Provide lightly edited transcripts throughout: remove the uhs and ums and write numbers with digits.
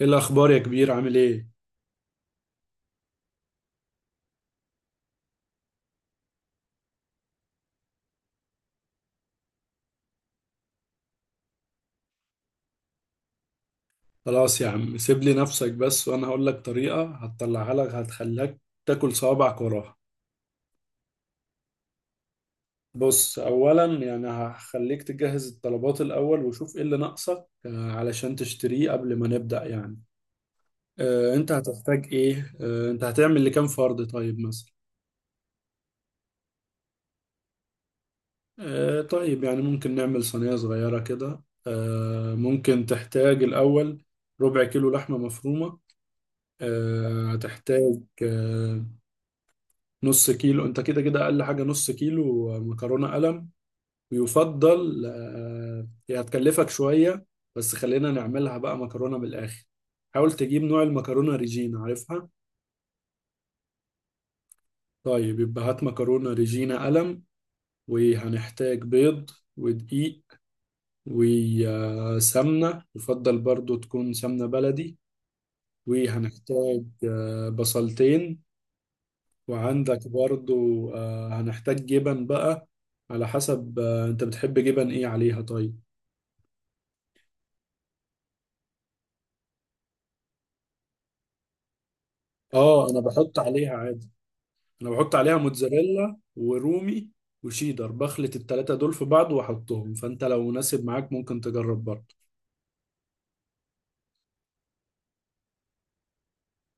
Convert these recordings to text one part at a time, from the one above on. ايه الاخبار يا كبير، عامل ايه؟ خلاص يا عم، سيب لي نفسك بس وانا هقول لك طريقة هتطلعها لك، هتخليك تاكل صوابعك وراها. بص، اولا يعني هخليك تجهز الطلبات الاول وشوف ايه اللي ناقصك، علشان تشتريه قبل ما نبدأ يعني. انت هتحتاج ايه؟ انت هتعمل لكام فرد طيب مثلا؟ طيب يعني ممكن نعمل صينية صغيرة كده. ممكن تحتاج الاول ربع كيلو لحمة مفرومة. هتحتاج نص كيلو، انت كده كده اقل حاجه نص كيلو مكرونه قلم. ويفضل هي هتكلفك شويه، بس خلينا نعملها بقى مكرونه بالاخر. حاول تجيب نوع المكرونه ريجينا، عارفها؟ طيب يبقى هات مكرونه ريجينا قلم، وهنحتاج بيض، ودقيق، وسمنه، يفضل برضو تكون سمنه بلدي. وهنحتاج بصلتين، وعندك برضو. هنحتاج جبن بقى، على حسب انت بتحب جبن ايه عليها طيب. اه، انا بحط عليها عادي، انا بحط عليها موتزاريلا ورومي وشيدر، بخلط التلاتة دول في بعض واحطهم، فانت لو مناسب معاك ممكن تجرب برضه.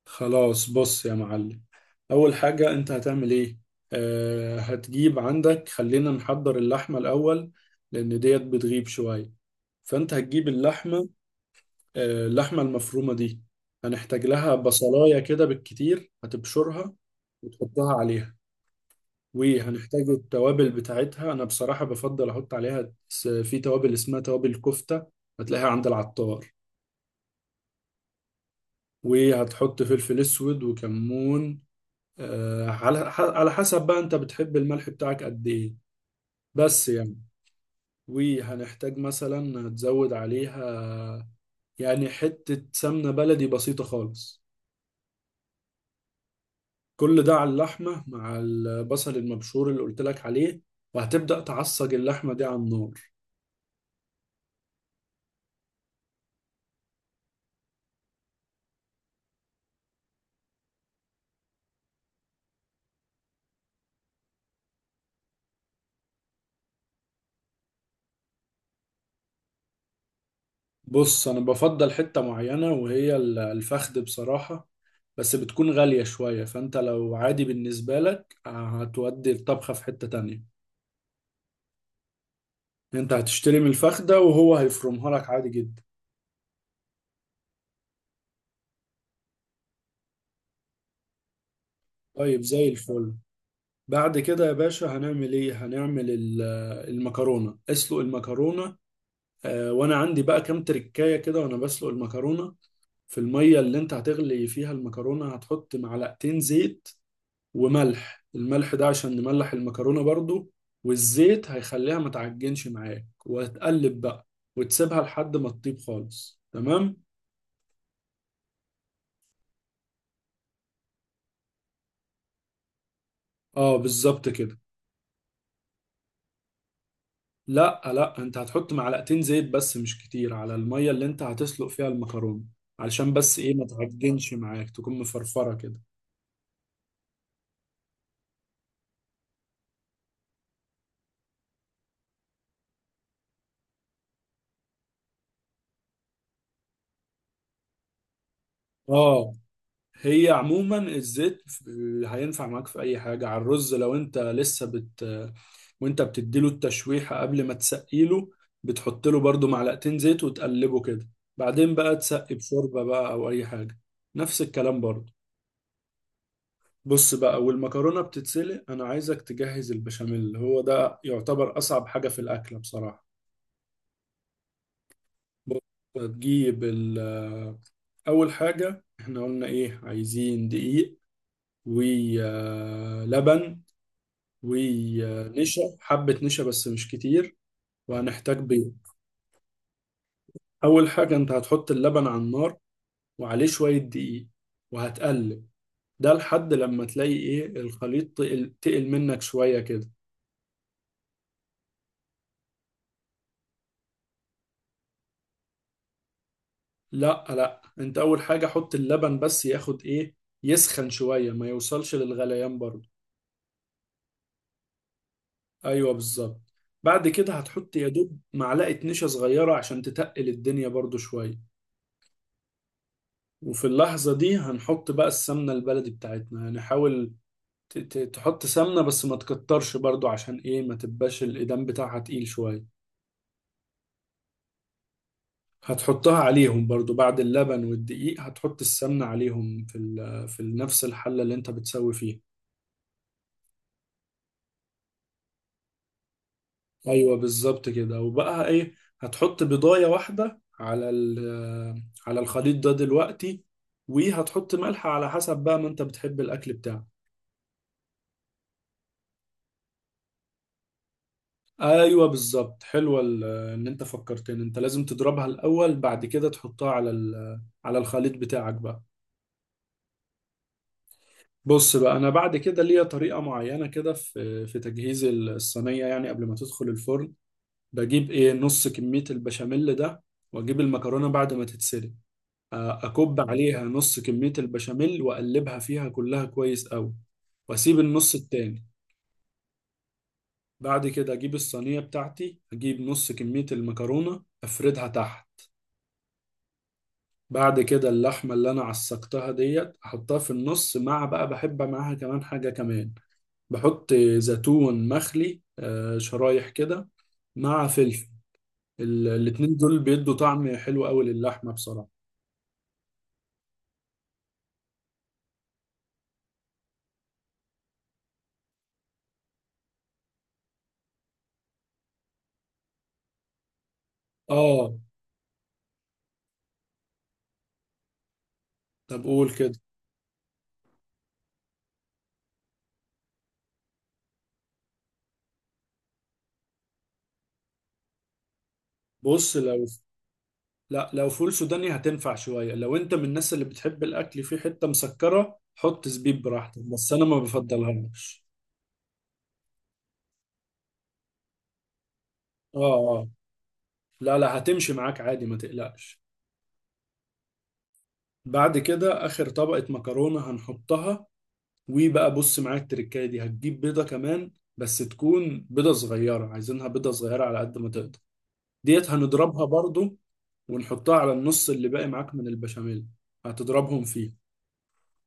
خلاص، بص يا معلم، اول حاجة انت هتعمل ايه. آه، هتجيب عندك، خلينا نحضر اللحمة الاول لان ديت بتغيب شوية، فانت هتجيب اللحمة. اللحمة المفرومة دي هنحتاج لها بصلاية كده بالكتير، هتبشرها وتحطها عليها. وهنحتاج التوابل بتاعتها. أنا بصراحة بفضل أحط عليها في توابل اسمها توابل كفتة، هتلاقيها عند العطار. وهتحط فلفل أسود وكمون. على حسب بقى، أنت بتحب الملح بتاعك قد إيه؟ بس يعني. وهنحتاج مثلا هتزود عليها، يعني حتة سمنة بلدي بسيطة خالص، كل ده على اللحمة مع البصل المبشور اللي قلت لك عليه. وهتبدأ تعصج اللحمة دي على النار. بص، أنا بفضل حتة معينة وهي الفخد بصراحة، بس بتكون غالية شوية، فأنت لو عادي بالنسبة لك هتودي الطبخة في حتة تانية. أنت هتشتري من الفخدة وهو هيفرمها لك عادي جدا. طيب، زي الفل. بعد كده يا باشا هنعمل ايه؟ هنعمل المكرونة. اسلق المكرونة. وانا عندي بقى كام تركاية كده وانا بسلق المكرونة. في المية اللي انت هتغلي فيها المكرونة هتحط معلقتين زيت وملح. الملح ده عشان نملح المكرونة برضو، والزيت هيخليها ما تعجنش معاك، وهتقلب بقى وتسيبها لحد ما تطيب خالص. تمام، اه بالظبط كده. لا لا، انت هتحط معلقتين زيت بس، مش كتير، على المية اللي انت هتسلق فيها المكرونة، علشان بس ايه ما تعجنش معاك، تكون مفرفرة كده. اه، هي عموما الزيت هينفع معاك في اي حاجه. على الرز لو انت لسه بت وانت بتديله التشويحه قبل ما تسقيله، بتحط له برضو معلقتين زيت وتقلبه كده، بعدين بقى تسقي بشوربه بقى او اي حاجه. نفس الكلام برضو. بص بقى، والمكرونه بتتسلق انا عايزك تجهز البشاميل، هو ده يعتبر اصعب حاجه في الاكله بصراحه. بص، هتجيب اول حاجه احنا قلنا ايه؟ عايزين دقيق، ولبن، ونشا، حبة نشا بس مش كتير. وهنحتاج بيض. أول حاجة أنت هتحط اللبن على النار وعليه شوية دقيق وهتقلب، ده لحد لما تلاقي إيه الخليط تقل منك شوية كده. لا لا، أنت أول حاجة حط اللبن بس ياخد إيه، يسخن شوية، ما يوصلش للغليان برضه. أيوه، بالظبط. بعد كده هتحط يا دوب معلقة نشا صغيرة عشان تتقل الدنيا برضه شوية. وفي اللحظة دي هنحط بقى السمنة البلدي بتاعتنا. هنحاول تحط سمنة بس ما تكترش برضو عشان ايه ما تبقاش الإيدام بتاعها تقيل شوية. هتحطها عليهم برضو بعد اللبن والدقيق، هتحط السمنة عليهم في في نفس الحلة اللي انت بتسوي فيها. ايوه بالظبط كده. وبقى ايه، هتحط بيضاية واحدة على على الخليط ده دلوقتي، وهتحط ملح على حسب بقى، ما انت بتحب الاكل بتاعك. ايوه بالظبط، حلوه ان انت فكرتني، انت لازم تضربها الاول، بعد كده تحطها على على الخليط بتاعك بقى. بص بقى، انا بعد كده ليا طريقه معينه كده في تجهيز الصينيه، يعني قبل ما تدخل الفرن. بجيب ايه نص كميه البشاميل ده، واجيب المكرونه بعد ما تتسلق، اكب عليها نص كميه البشاميل واقلبها فيها كلها كويس قوي، واسيب النص التاني. بعد كده اجيب الصينيه بتاعتي، اجيب نص كميه المكرونه افردها تحت. بعد كده اللحمه اللي انا عسقتها ديت احطها في النص، مع بقى بحب معاها كمان حاجه كمان، بحط زيتون مخلي شرايح كده مع فلفل. الاتنين دول بيدوا طعم حلو قوي للحمة بصراحة. اه، طب قول كده. بص لو لا، لو فول سوداني هتنفع شوية، لو انت من الناس اللي بتحب الاكل فيه حتة مسكرة حط زبيب براحتك، بس انا ما بفضلهاش. اه. اه، لا لا، هتمشي معاك عادي ما تقلقش. بعد كده اخر طبقة مكرونة هنحطها. وبقى بص معايا، التركايه دي هتجيب بيضه كمان، بس تكون بيضه صغيره، عايزينها بيضه صغيره على قد ما تقدر. ديت هنضربها برضو ونحطها على النص اللي باقي معاك من البشاميل، هتضربهم فيه.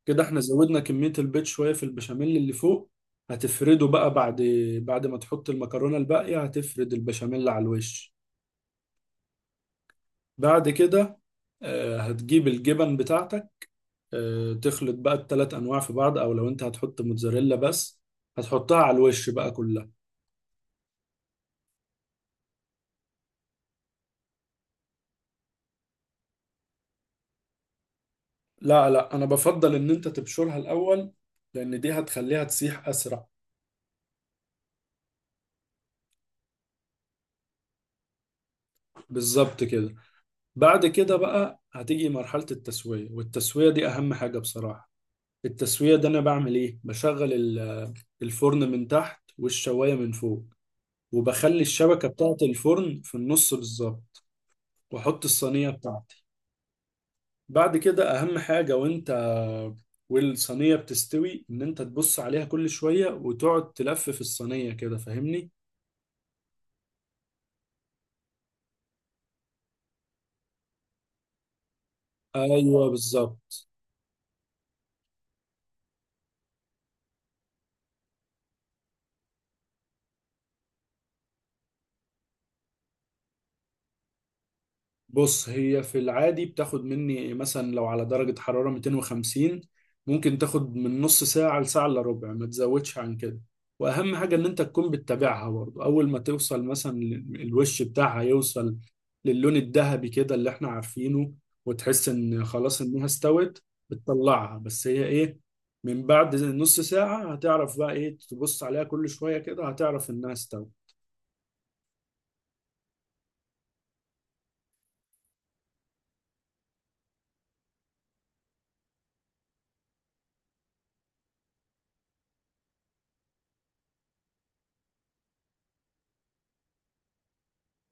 كده احنا زودنا كميه البيض شويه في البشاميل اللي فوق. هتفرده بقى، بعد ما تحط المكرونه الباقيه هتفرد البشاميل على الوش. بعد كده هتجيب الجبن بتاعتك، تخلط بقى التلات انواع في بعض، او لو انت هتحط موتزاريلا بس هتحطها على الوش بقى كلها. لا لا، انا بفضل ان انت تبشرها الاول، لان دي هتخليها تسيح اسرع. بالظبط كده. بعد كده بقى هتيجي مرحلة التسوية، والتسوية دي اهم حاجة بصراحة. التسوية ده انا بعمل ايه؟ بشغل الفرن من تحت والشواية من فوق، وبخلي الشبكة بتاعة الفرن في النص بالظبط، واحط الصينية بتاعتي. بعد كده اهم حاجة، وانت والصينية بتستوي ان انت تبص عليها كل شوية وتقعد تلف في الصينية كده، فاهمني؟ ايوه بالظبط. بص، هي في العادي بتاخد مني مثلا لو على درجة حرارة 250، ممكن تاخد من نص ساعة لساعة الا ربع، ما تزودش عن كده. واهم حاجة ان انت تكون بتتابعها برضه. اول ما توصل مثلا الوش بتاعها يوصل للون الذهبي كده اللي احنا عارفينه وتحس ان خلاص انها استوت، بتطلعها. بس هي ايه، من بعد نص ساعة هتعرف بقى ايه، تبص عليها كل شوية كده هتعرف انها استوت.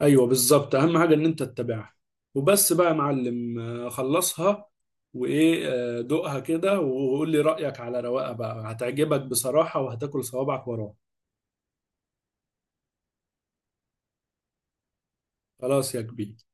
ايوه بالظبط، اهم حاجه ان انت تتابعها وبس بقى يا معلم. خلصها وايه، دوقها كده وقول لي رايك على رواقه بقى، هتعجبك بصراحه وهتاكل صوابعك وراها. خلاص يا كبير.